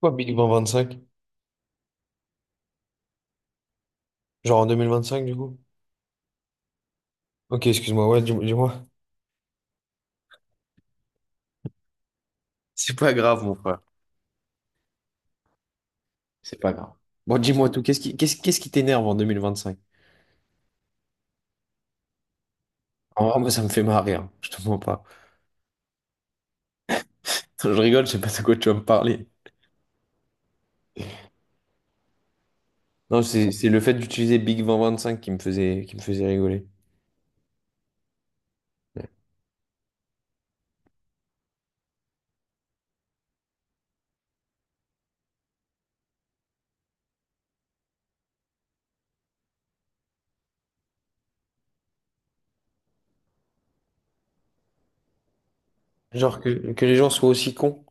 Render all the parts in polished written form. Quoi, minimum 25? Genre en 2025, du coup? Ok, excuse-moi, ouais, dis-moi. C'est pas grave, mon frère. C'est pas grave. Bon, dis-moi tout. Qu'est-ce qui t'énerve en 2025? En vrai, moi, ça me fait marrer, hein. Je te mens pas. Je rigole, je sais pas de quoi tu vas me parler. Non, c'est le fait d'utiliser Big 2025 qui me faisait, rigoler. Ouais. Genre que les gens soient aussi cons.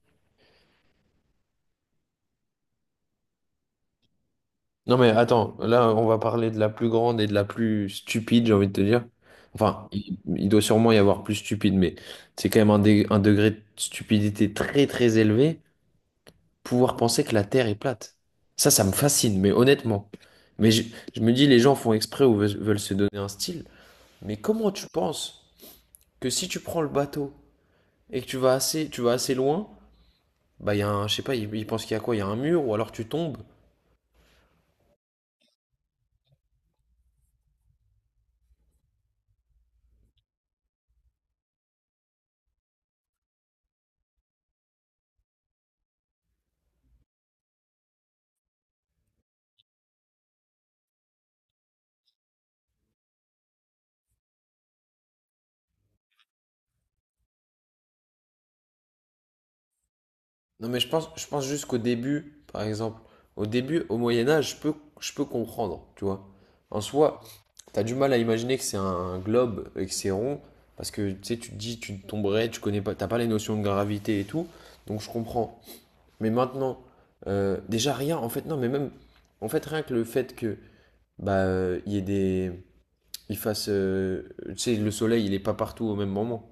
Non mais attends, là on va parler de la plus grande et de la plus stupide, j'ai envie de te dire. Enfin, il doit sûrement y avoir plus stupide, mais c'est quand même un degré de stupidité très très élevé, pouvoir penser que la Terre est plate. Ça me fascine, mais honnêtement. Mais je me dis, les gens font exprès ou veulent se donner un style. Mais comment tu penses que si tu prends le bateau et que tu vas assez loin, bah il y a un, je sais pas, ils pensent qu'il y a quoi? Il y a un mur ou alors tu tombes. Non, mais je pense juste qu'au début, par exemple, au début, au Moyen Âge, je peux comprendre, tu vois. En soi, t'as du mal à imaginer que c'est un globe et que c'est rond, parce que tu sais, tu te dis, tu tomberais, tu connais pas, t'as pas les notions de gravité et tout, donc je comprends. Mais maintenant, déjà rien, en fait, non, mais même, en fait, rien que le fait que, bah, il y ait des, il fasse, tu sais, le soleil, il est pas partout au même moment.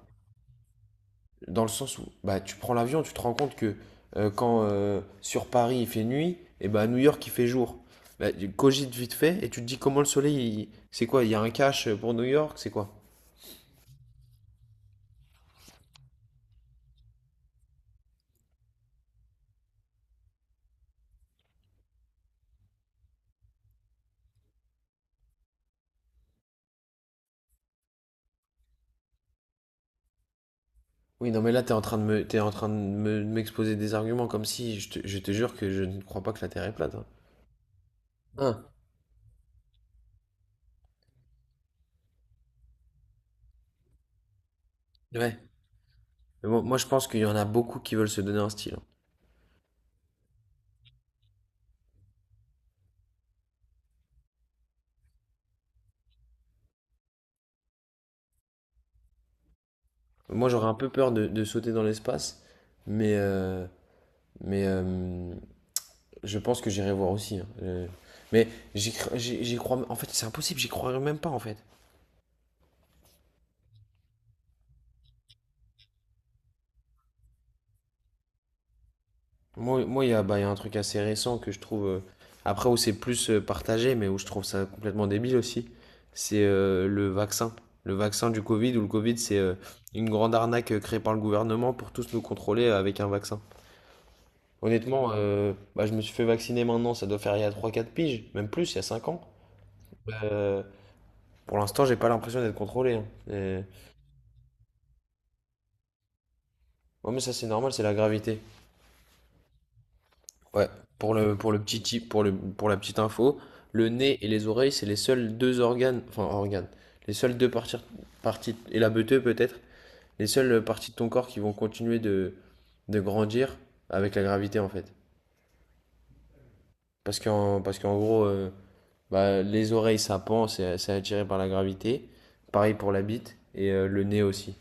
Dans le sens où bah, tu prends l'avion, tu te rends compte que quand sur Paris il fait nuit, et ben à New York il fait jour. Là, tu cogites vite fait et tu te dis comment le soleil, c'est quoi? Il y a un cache pour New York, c'est quoi? Oui, non, mais là, t'es en train de m'exposer des arguments comme si je te jure que je ne crois pas que la Terre est plate, hein. Hein, ouais. Mais bon, moi, je pense qu'il y en a beaucoup qui veulent se donner un style, hein. Moi, j'aurais un peu peur de sauter dans l'espace, mais, euh, mais je pense que j'irai voir aussi, hein. Mais j'y cr- j'y j'y crois. En fait, c'est impossible, j'y croirais même pas en fait. Moi, bah, il y a un truc assez récent que je trouve, après, où c'est plus partagé, mais où je trouve ça complètement débile aussi. C'est le vaccin. Le vaccin du Covid, où le Covid, c'est une grande arnaque créée par le gouvernement pour tous nous contrôler avec un vaccin. Honnêtement, bah, je me suis fait vacciner maintenant, ça doit faire il y a 3, 4 piges, même plus, il y a 5 ans. Euh, pour l'instant, j'ai pas l'impression d'être contrôlé, hein. Et- Ouais, mais ça, c'est normal, c'est la gravité. Ouais, pour le petit tip, pour la petite info, le nez et les oreilles, c'est les seuls deux organes, enfin organes, les seules deux parties, parties et la beuteux peut-être, les seules parties de ton corps qui vont continuer de grandir avec la gravité en fait. Parce qu'en gros, bah, les oreilles ça pend, c'est attiré par la gravité. Pareil pour la bite et le nez aussi.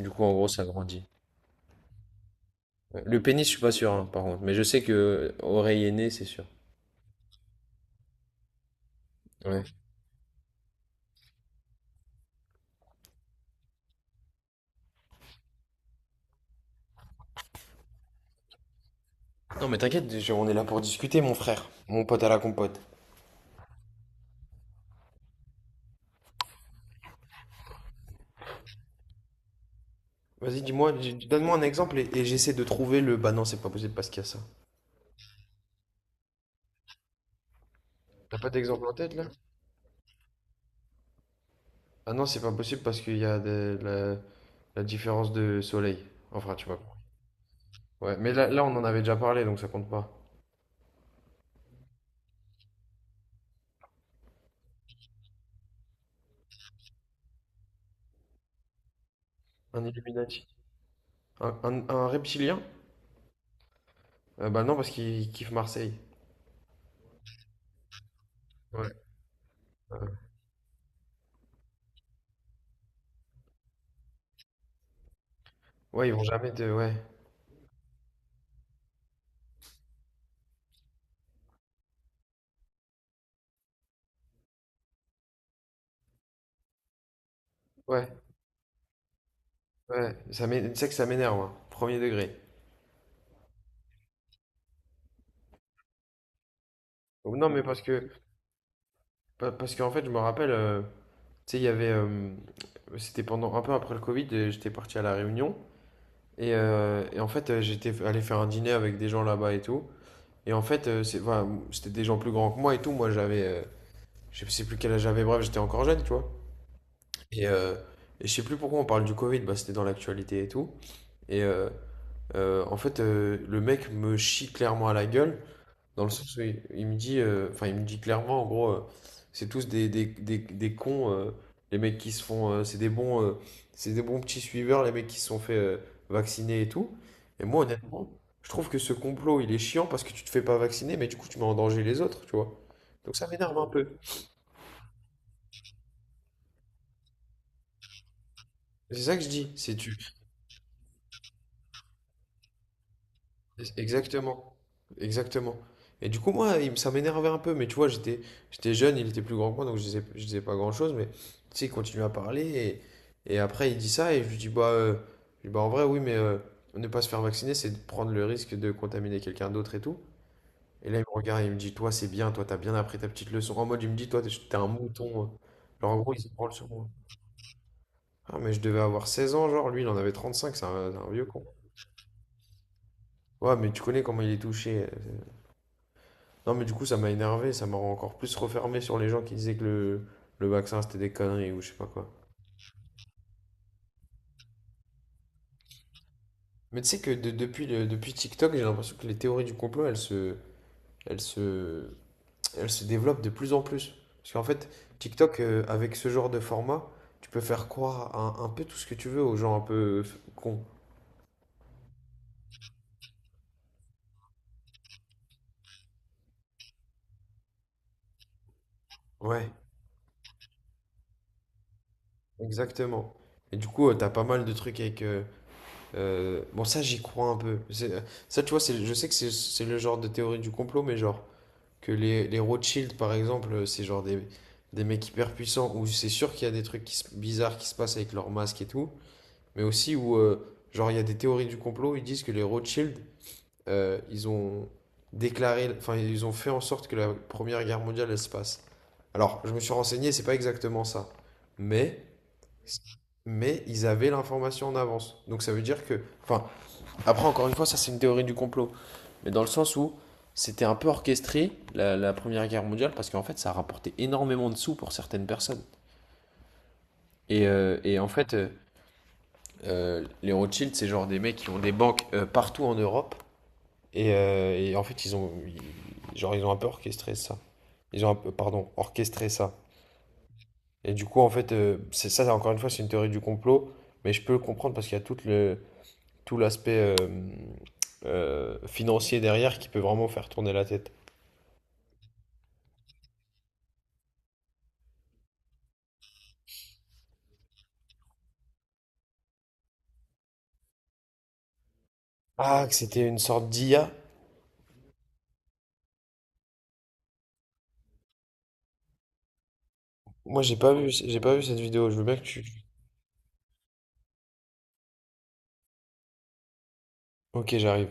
Du coup, en gros, ça grandit. Ouais. Le pénis, je suis pas sûr hein, par contre, mais je sais que oreille et nez, c'est sûr. Ouais. Non, mais t'inquiète, on est là pour discuter, mon frère. Mon pote à la compote. Vas-y, dis-moi, dis- moi donne moi un exemple et, j'essaie de trouver le. Bah non, c'est pas possible parce qu'il y a ça. T'as pas d'exemple en tête là? Ah non, c'est pas possible parce qu'il y a la différence de soleil. Enfin, tu vois. Ouais, mais là, on en avait déjà parlé donc ça compte pas. Un Illuminati. Un reptilien? Bah non, parce qu'ils kiffent Marseille. Ouais. Ouais, ils vont jamais te. Ouais. Ouais. Ouais. Tu sais que ça m'énerve, hein. Premier degré. Non, mais parce que. Parce qu'en fait, je me rappelle, tu sais, il y avait, c'était pendant un peu après le Covid, et j'étais parti à La Réunion. Et en fait, j'étais allé faire un dîner avec des gens là-bas et tout. Et en fait, voilà c'était des gens plus grands que moi et tout. Moi, j'avais, je sais plus quel âge j'avais, bref, j'étais encore jeune, tu vois. Et, euh, et je sais plus pourquoi on parle du Covid, bah, c'était dans l'actualité et tout. Et en fait, le mec me chie clairement à la gueule. Dans le sens où il me dit, enfin, il me dit clairement, en gros, c'est tous des cons, les mecs qui se font, c'est des bons petits suiveurs, les mecs qui se sont fait vacciner et tout. Et moi, honnêtement, je trouve que ce complot, il est chiant parce que tu te fais pas vacciner, mais du coup, tu mets en danger les autres, tu vois. Donc ça m'énerve un peu. C'est ça que je dis. C'est tu. Exactement, exactement. Et du coup, moi, il ça m'énervait un peu, mais tu vois, j'étais jeune, il était plus grand que moi, donc je disais pas grand-chose, mais tu sais, il continue à parler, et, après, il dit ça, et je lui dis, bah, je dis, bah en vrai, oui, mais ne pas se faire vacciner, c'est de prendre le risque de contaminer quelqu'un d'autre et tout. Et là, il me regarde, il me dit, toi, c'est bien, toi, t'as bien appris ta petite leçon. En mode, il me dit, toi, t'es un mouton, hein. Genre, en gros, il se branle sur moi. Ah, mais je devais avoir 16 ans, genre, lui, il en avait 35, c'est un vieux con. Ouais, mais tu connais comment il est touché. Non, mais du coup, ça m'a énervé, ça m'a encore plus refermé sur les gens qui disaient que le vaccin c'était des conneries ou je sais pas quoi. Mais tu sais que depuis, depuis TikTok, j'ai l'impression que les théories du complot elles se, elles se développent de plus en plus. Parce qu'en fait, TikTok, avec ce genre de format, tu peux faire croire à un peu tout ce que tu veux aux gens un peu cons. Ouais, exactement. Et du coup, t'as pas mal de trucs avec, bon, ça, j'y crois un peu. Ça, tu vois, c'est, je sais que c'est le genre de théorie du complot, mais genre. Que les Rothschild, par exemple, c'est genre des mecs hyper puissants où c'est sûr qu'il y a des trucs qui bizarres qui se passent avec leurs masques et tout. Mais aussi où, genre, il y a des théories du complot, ils disent que les Rothschild, ils ont déclaré, enfin, ils ont fait en sorte que la Première Guerre mondiale, elle se passe. Alors, je me suis renseigné, c'est pas exactement ça. Mais mais ils avaient l'information en avance. Donc ça veut dire que, enfin, après, encore une fois, ça c'est une théorie du complot. Mais dans le sens où c'était un peu orchestré, la Première Guerre mondiale, parce qu'en fait, ça a rapporté énormément de sous pour certaines personnes. Et en fait, les Rothschild, c'est genre des mecs qui ont des banques partout en Europe. Et en fait, genre, ils ont un peu orchestré ça. Ils ont un peu, pardon, orchestré ça. Et du coup, en fait, c'est ça, encore une fois, c'est une théorie du complot. Mais je peux le comprendre parce qu'il y a toute tout l'aspect financier derrière qui peut vraiment faire tourner la tête. Ah, que c'était une sorte d'IA. Moi, j'ai pas vu cette vidéo. Je veux bien que tu. Ok, j'arrive.